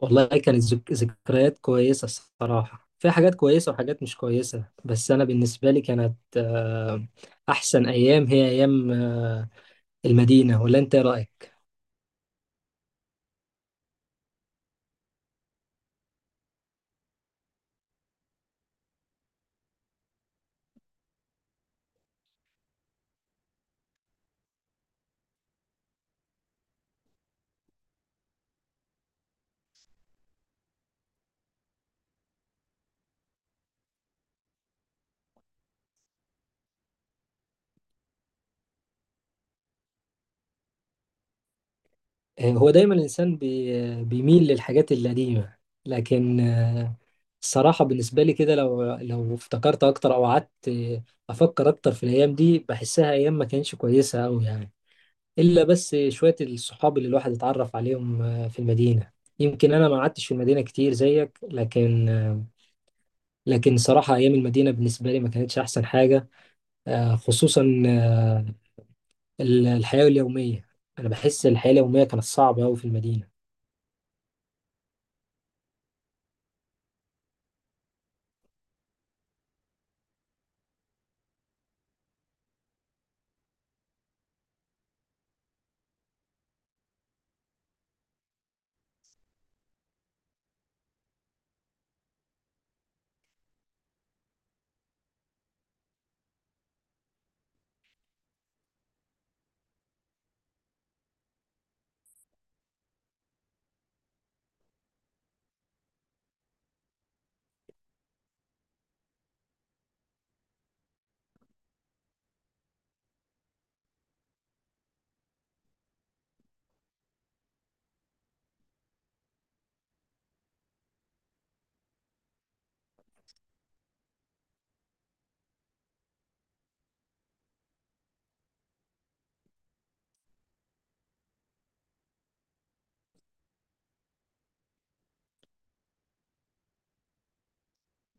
والله كانت ذكريات كويسة. الصراحة في حاجات كويسة وحاجات مش كويسة، بس أنا بالنسبة لي كانت أحسن أيام هي أيام المدينة. ولا أنت إيه رأيك؟ هو دايما الإنسان بيميل للحاجات القديمة. لكن الصراحة بالنسبة لي كده، لو افتكرت أكتر أو قعدت أفكر أكتر في الأيام دي بحسها أيام ما كانتش كويسة أوي يعني، الا بس شويه الصحاب اللي الواحد اتعرف عليهم في المدينه. يمكن انا ما قعدتش في المدينه كتير زيك، لكن صراحه ايام المدينه بالنسبه لي ما كانتش احسن حاجه. خصوصا الحياه اليوميه. انا بحس الحياه اليوميه كانت صعبه قوي في المدينه.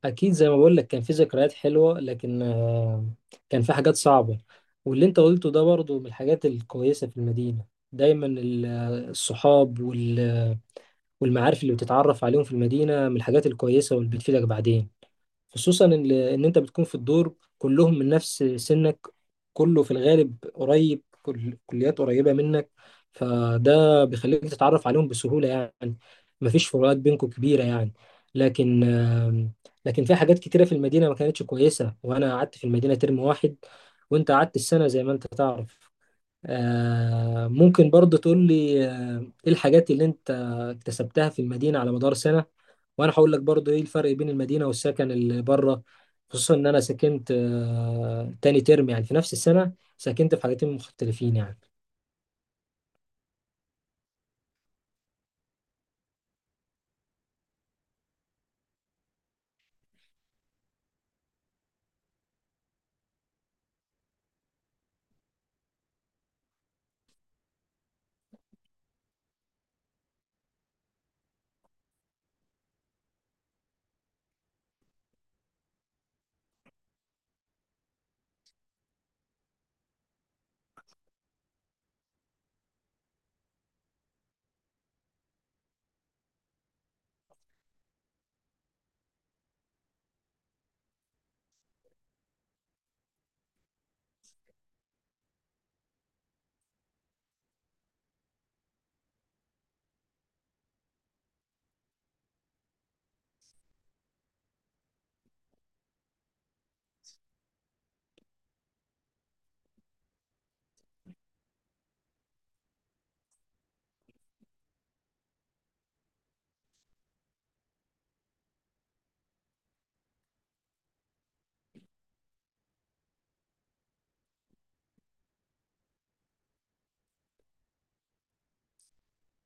اكيد زي ما بقول لك كان في ذكريات حلوه، لكن كان في حاجات صعبه. واللي انت قلته ده برضو من الحاجات الكويسه في المدينه، دايما الصحاب والمعارف اللي بتتعرف عليهم في المدينة من الحاجات الكويسة واللي بتفيدك بعدين، خصوصا إن أنت بتكون في الدور كلهم من نفس سنك، كله في الغالب قريب، كل كليات قريبة منك، فده بيخليك تتعرف عليهم بسهولة يعني، مفيش فروقات بينكم كبيرة يعني. لكن آم، لكن في حاجات كتيرة في المدينة ما كانتش كويسة. وأنا قعدت في المدينة ترم واحد وأنت قعدت السنة زي ما أنت تعرف. ممكن برضه تقول لي ايه الحاجات اللي انت اكتسبتها في المدينة على مدار سنة، وانا هقول لك برضه ايه الفرق بين المدينة والسكن اللي بره، خصوصا ان انا سكنت تاني ترم يعني في نفس السنة سكنت في حاجتين مختلفين يعني.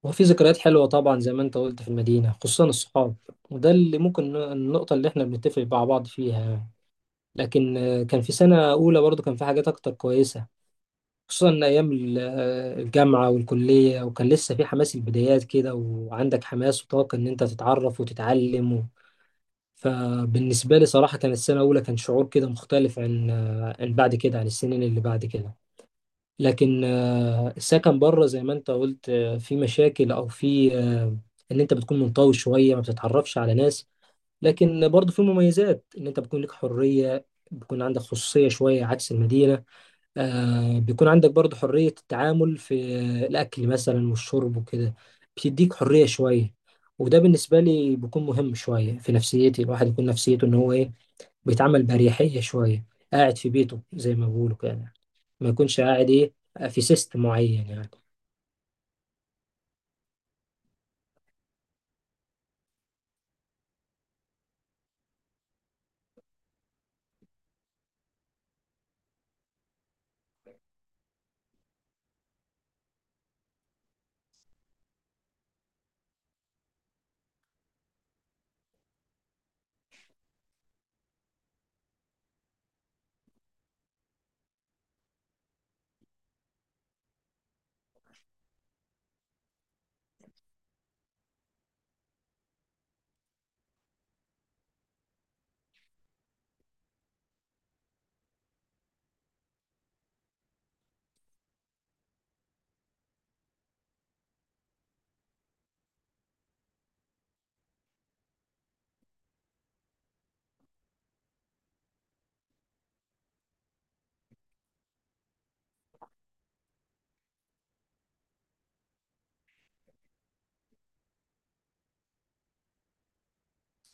وفي ذكريات حلوة طبعا زي ما انت قلت في المدينة خصوصا الصحاب، وده اللي ممكن النقطة اللي احنا بنتفق مع بعض فيها يعني. لكن كان في سنة أولى برضه كان في حاجات أكتر كويسة، خصوصا إن ايام الجامعه والكليه وكان لسه في حماس البدايات كده، وعندك حماس وطاقه ان انت تتعرف وتتعلم فبالنسبه لي صراحه كانت السنه الاولى كان شعور كده مختلف عن بعد كده عن السنين اللي بعد كده. لكن السكن بره زي ما انت قلت في مشاكل او في ان انت بتكون منطوي شويه ما بتتعرفش على ناس. لكن برضه في مميزات، ان انت بتكون لك حريه، بيكون عندك خصوصيه شويه عكس المدينه. بيكون عندك برضو حرية التعامل في الأكل مثلا والشرب وكده، بتديك حرية شوية، وده بالنسبة لي بيكون مهم شوية في نفسيتي، الواحد يكون نفسيته إن هو إيه بيتعامل بأريحية شوية، قاعد في بيته زي ما بيقولوا كده يعني. ما يكونش قاعد إيه في سيستم معين يعني.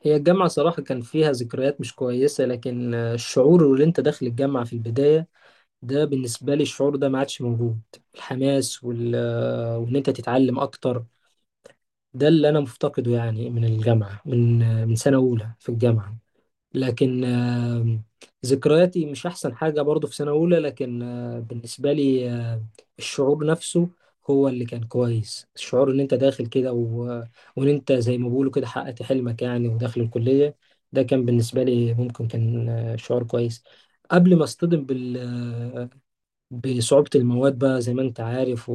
هي الجامعة صراحة كان فيها ذكريات مش كويسة، لكن الشعور اللي أنت داخل الجامعة في البداية، ده بالنسبة لي الشعور ده ما عادش موجود. الحماس وال... آه، وإن أنت تتعلم أكتر، ده اللي انا مفتقده يعني من الجامعه، من سنه اولى في الجامعه. لكن ذكرياتي مش احسن حاجه برضو في سنه اولى، لكن بالنسبه لي الشعور نفسه هو اللي كان كويس، الشعور ان انت داخل كده وان انت زي ما بيقولوا كده حققت حلمك يعني وداخل الكليه، ده كان بالنسبه لي ممكن كان شعور كويس قبل ما اصطدم بال... آه، بصعوبه المواد بقى زي ما انت عارف،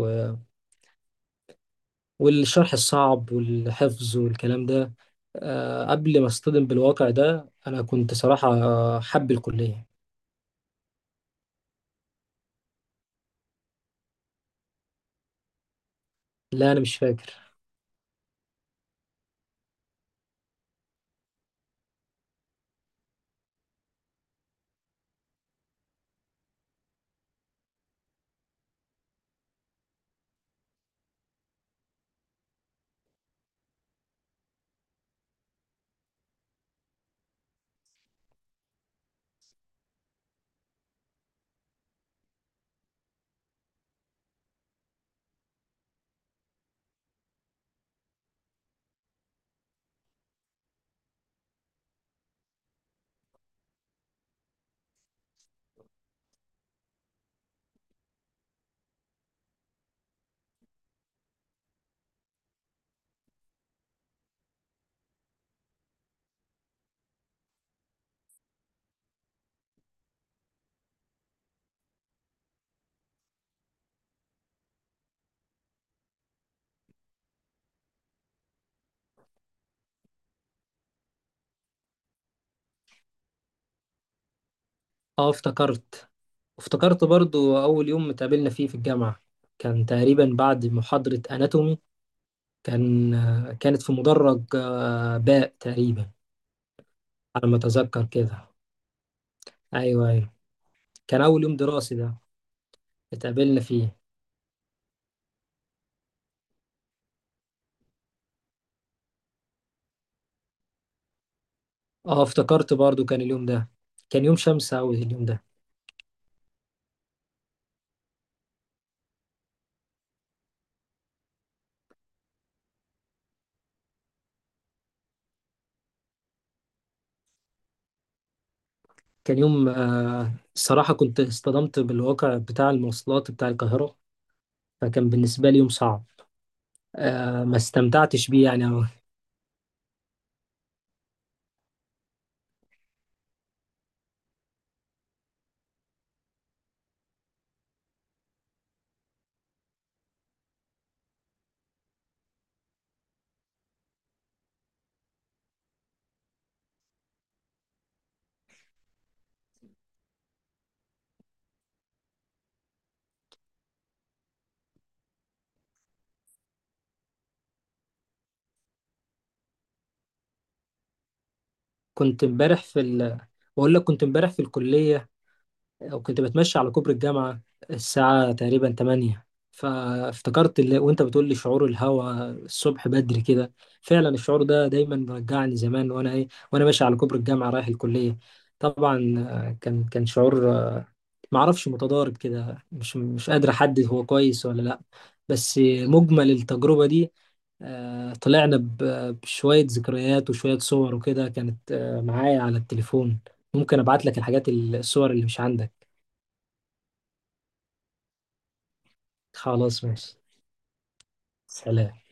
والشرح الصعب والحفظ والكلام ده. قبل ما اصطدم بالواقع ده انا كنت صراحة حب الكلية. لا انا مش فاكر. اه، افتكرت. برضو اول يوم اتقابلنا فيه في الجامعة كان تقريبا بعد محاضرة اناتومي. كانت في مدرج باء تقريبا على ما اتذكر كده. ايوه، ايوه، كان اول يوم دراسي ده اتقابلنا فيه. اه، افتكرت برضو كان اليوم ده، كان يوم شمس اوي اليوم ده. كان يوم الصراحة كنت اصطدمت بالواقع بتاع المواصلات بتاع القاهرة، فكان بالنسبة لي يوم صعب. ما استمتعتش بيه يعني أوي. كنت امبارح في ال... بقول لك كنت امبارح في الكلية، وكنت بتمشى على كوبري الجامعة الساعة تقريبا 8. فافتكرت وانت بتقول لي شعور الهوا الصبح بدري كده، فعلا الشعور ده دايما بيرجعني زمان، وانا ماشي على كوبري الجامعة رايح الكلية. طبعا كان شعور معرفش متضارب كده، مش قادر احدد هو كويس ولا لا. بس مجمل التجربة دي طلعنا بشوية ذكريات وشوية صور وكده، كانت معايا على التليفون. ممكن ابعت لك الحاجات الصور اللي مش عندك. خلاص، ماشي، سلام.